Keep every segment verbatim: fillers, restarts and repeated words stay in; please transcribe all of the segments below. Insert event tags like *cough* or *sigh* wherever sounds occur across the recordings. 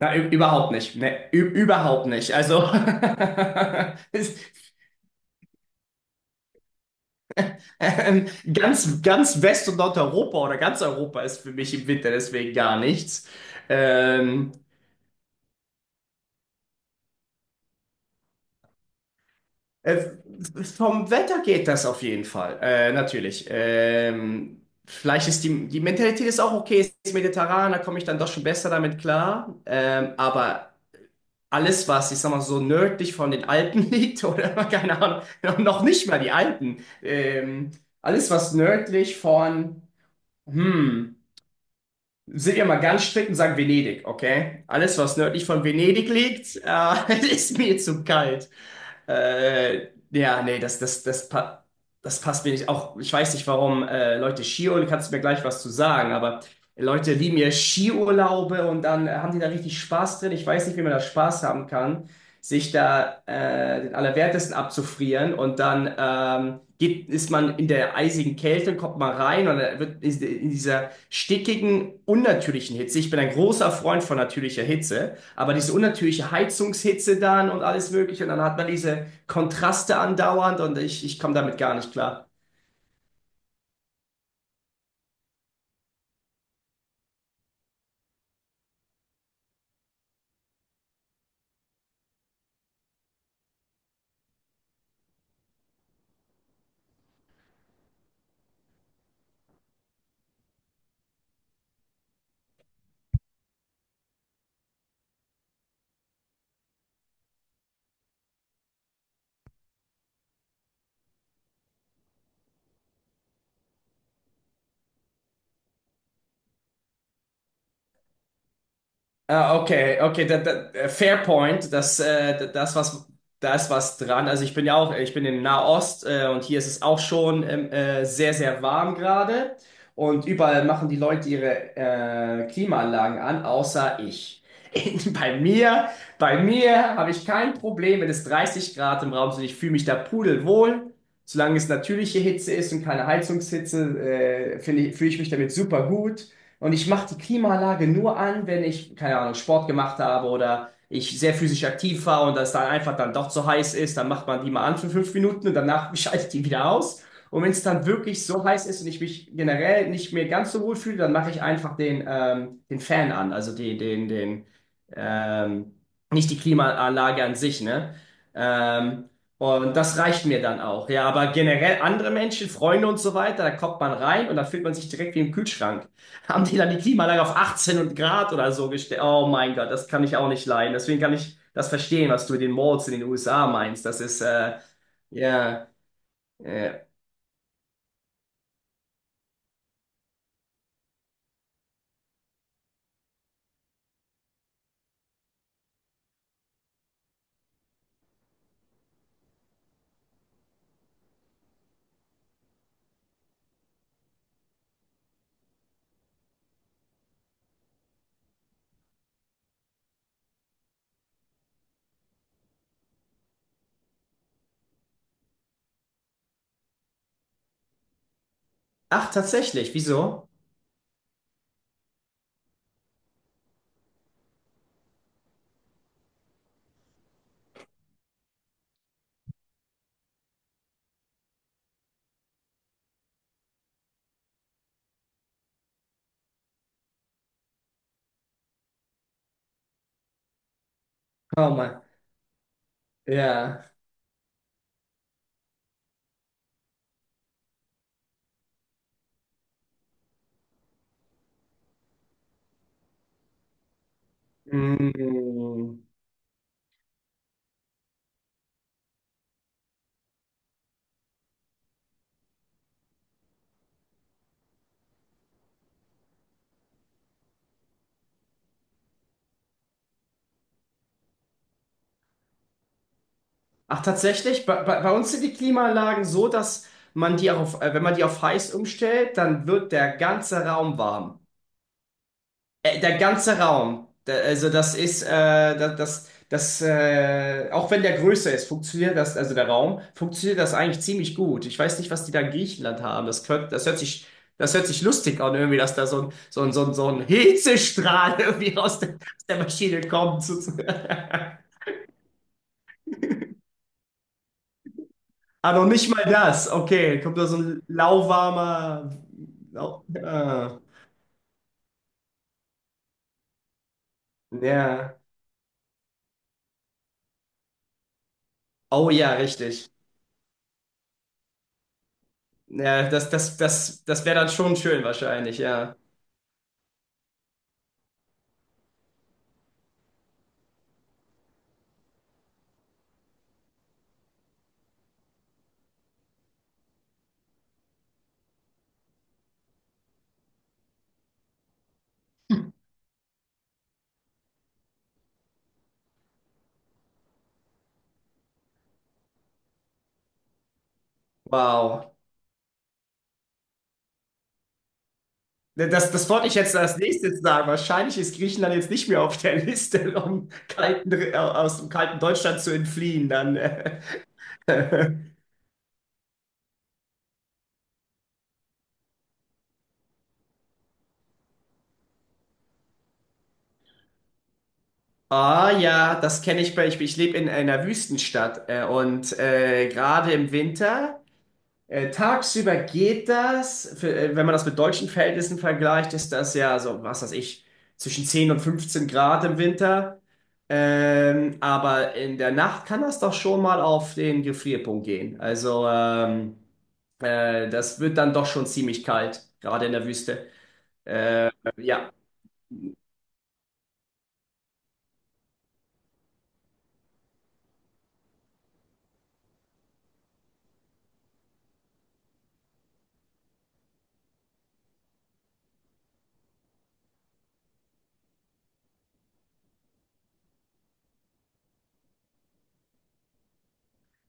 Na, ü- überhaupt nicht. Ne, ü- überhaupt nicht. Also *laughs* ist, ähm, ganz, ganz West- und Nordeuropa oder ganz Europa ist für mich im Winter deswegen gar nichts. Ähm, äh, Vom Wetter geht das auf jeden Fall. Äh, natürlich. Ähm, vielleicht ist die, die Mentalität ist auch okay, ist mediterran, da komme ich dann doch schon besser damit klar. Ähm, aber alles, was, ich sag mal, so nördlich von den Alpen *laughs* liegt, oder keine Ahnung, noch noch nicht mal die Alpen, ähm, alles, was nördlich von, hm, sind wir mal ganz strikt und sagen Venedig, okay? Alles, was nördlich von Venedig liegt, äh, *laughs* ist mir zu kalt. Äh, ja, nee, das, das, das, pa das passt mir nicht. Auch ich weiß nicht, warum äh, Leute Skiurlaub, kannst du mir gleich was zu sagen, aber Leute lieben ja Skiurlaube und dann äh, haben die da richtig Spaß drin. Ich weiß nicht, wie man da Spaß haben kann, sich da äh, den Allerwertesten abzufrieren und dann ähm, geht, ist man in der eisigen Kälte und kommt mal rein und dann wird in dieser stickigen, unnatürlichen Hitze. Ich bin ein großer Freund von natürlicher Hitze. Aber diese unnatürliche Heizungshitze dann und alles Mögliche. Und dann hat man diese Kontraste andauernd und ich, ich komme damit gar nicht klar. Ah, okay, okay, da, da, äh, fair point. Das, äh, da- das was, da ist was dran. Also ich bin ja auch, ich bin in Nahost äh, und hier ist es auch schon ähm, äh, sehr, sehr warm gerade. Und überall machen die Leute ihre äh, Klimaanlagen an, außer ich. *laughs* Bei mir, bei mir habe ich kein Problem, wenn es dreißig Grad im Raum sind. Ich fühle mich da pudelwohl. Solange es natürliche Hitze ist und keine Heizungshitze, äh, finde ich, fühle ich mich damit super gut. Und ich mache die Klimaanlage nur an, wenn ich, keine Ahnung, Sport gemacht habe oder ich sehr physisch aktiv war und das dann einfach dann doch zu heiß ist, dann macht man die mal an für fünf Minuten und danach *laughs* schalte ich die wieder aus. Und wenn es dann wirklich so heiß ist und ich mich generell nicht mehr ganz so wohl fühle, dann mache ich einfach den, ähm, den Fan an, also die, den, den, ähm, nicht die Klimaanlage an sich, ne? Ähm, und das reicht mir dann auch. Ja, aber generell andere Menschen, Freunde und so weiter, da kommt man rein und da fühlt man sich direkt wie im Kühlschrank, haben die dann die Klimaanlage auf achtzehn und Grad oder so gestellt. Oh mein Gott, das kann ich auch nicht leiden. Deswegen kann ich das verstehen, was du mit den Malls in den U S A meinst. Das ist, äh, ja, äh, ach, tatsächlich, wieso? Oh mein, ja. Mm. Ach, tatsächlich, bei, bei, bei uns sind die Klimaanlagen so, dass man die auch auf, äh, wenn man die auf heiß umstellt, dann wird der ganze Raum warm. Äh, Der ganze Raum, da, also das ist, äh, das, das, das äh, auch wenn der größer ist, funktioniert das, also der Raum, funktioniert das eigentlich ziemlich gut. Ich weiß nicht, was die da in Griechenland haben. Das, könnt, das hört sich, das hört sich lustig an, irgendwie, dass da so ein, so ein, so ein, so ein Hitzestrahl *laughs* irgendwie aus der, aus der Maschine kommt. *laughs* Ah, noch nicht mal das. Okay, kommt da so ein lauwarmer. Lau ah, ja. Oh ja, richtig. Ja, das, das, das, das wäre dann schon schön wahrscheinlich, ja. Wow. Das, das wollte ich jetzt als nächstes sagen. Wahrscheinlich ist Griechenland jetzt nicht mehr auf der *laughs* Liste, um kalten, äh, aus dem kalten Deutschland zu entfliehen. Dann. *laughs* äh. Ah ja, das kenne ich bei. Ich, ich lebe in einer Wüstenstadt äh, und äh, gerade im Winter. Äh, tagsüber geht das, für, äh, wenn man das mit deutschen Verhältnissen vergleicht, ist das ja so, was weiß ich, zwischen zehn und fünfzehn Grad im Winter. Ähm, aber in der Nacht kann das doch schon mal auf den Gefrierpunkt gehen. Also ähm, äh, das wird dann doch schon ziemlich kalt, gerade in der Wüste. Äh, Ja,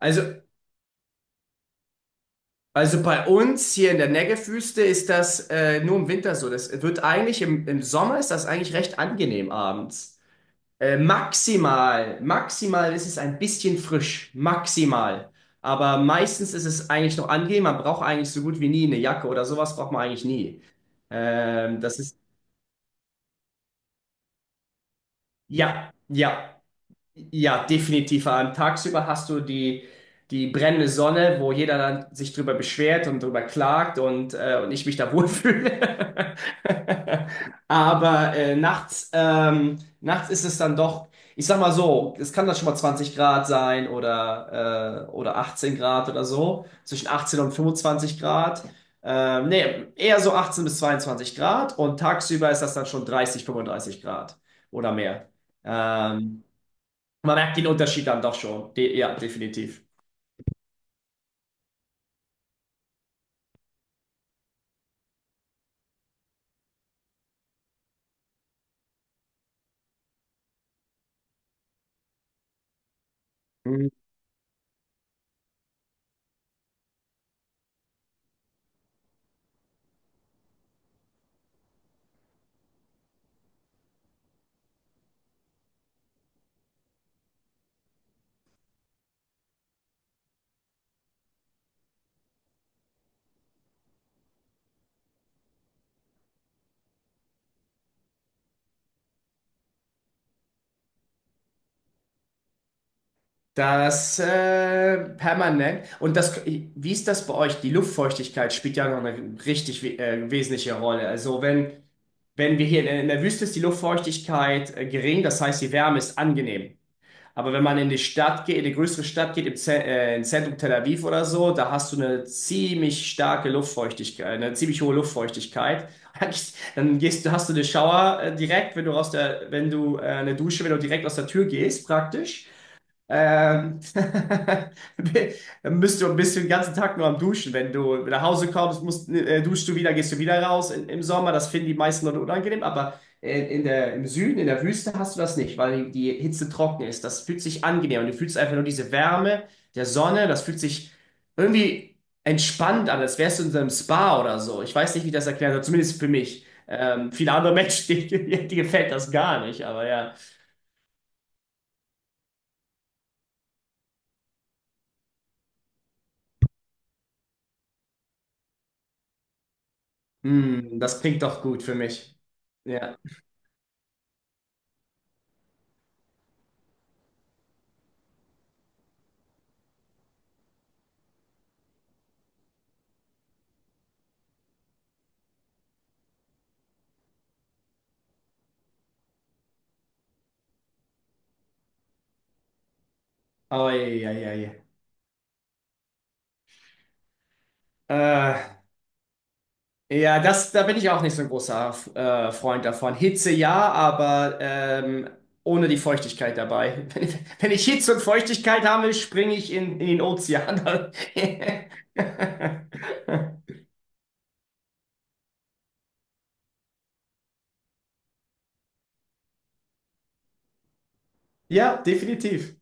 also, also bei uns hier in der Negev-Wüste ist das äh, nur im Winter so. Das wird eigentlich im, im Sommer ist das eigentlich recht angenehm abends. Äh, maximal, maximal ist es ein bisschen frisch, maximal. Aber meistens ist es eigentlich noch angenehm. Man braucht eigentlich so gut wie nie eine Jacke oder sowas braucht man eigentlich nie. Ähm, das ist, ja, ja. Ja, definitiv. An tagsüber hast du die, die brennende Sonne, wo jeder dann sich drüber beschwert und drüber klagt und, äh, und ich mich da wohlfühle. *laughs* Aber äh, nachts, ähm, nachts ist es dann doch, ich sag mal so, es kann dann schon mal zwanzig Grad sein oder, äh, oder achtzehn Grad oder so, zwischen achtzehn und fünfundzwanzig Grad. Ähm, nee, eher so achtzehn bis zweiundzwanzig Grad und tagsüber ist das dann schon dreißig fünfunddreißig Grad oder mehr. Ähm, man merkt den Unterschied dann doch schon. De Ja, definitiv. Mhm. Das äh, permanent. Und das, wie ist das bei euch? Die Luftfeuchtigkeit spielt ja noch eine richtig we- äh, wesentliche Rolle. Also wenn, wenn wir hier in, in der Wüste ist die Luftfeuchtigkeit äh, gering, das heißt, die Wärme ist angenehm. Aber wenn man in die Stadt geht, in die größere Stadt geht, im Ze- äh, im Zentrum Tel Aviv oder so, da hast du eine ziemlich starke Luftfeuchtigkeit, eine ziemlich hohe Luftfeuchtigkeit. *laughs* Dann gehst, du- hast du eine Shower äh, direkt, wenn du aus der, wenn du äh, eine Dusche, wenn du direkt aus der Tür gehst, praktisch. Ähm, *laughs* bi- bist du, bist du den ganzen Tag nur am Duschen. Wenn du nach Hause kommst, musst, äh, duschst du wieder, gehst du wieder raus in, im Sommer. Das finden die meisten Leute unangenehm, aber äh, in der, im Süden, in der Wüste hast du das nicht, weil die Hitze trocken ist. Das fühlt sich angenehm und du fühlst einfach nur diese Wärme der Sonne. Das fühlt sich irgendwie entspannt an, als wärst du in so einem Spa oder so. Ich weiß nicht, wie ich das erklären soll, zumindest für mich. Ähm, viele andere Menschen, *laughs* die, die gefällt das gar nicht, aber ja. Hm, das klingt doch gut für mich. Ja. Oh, ja, ja, ja. Äh, ja, das, da bin ich auch nicht so ein großer äh, Freund davon. Hitze ja, aber ähm, ohne die Feuchtigkeit dabei. *laughs* Wenn ich, wenn ich Hitze und Feuchtigkeit habe, springe ich in, in den Ozean. *laughs* Ja, definitiv.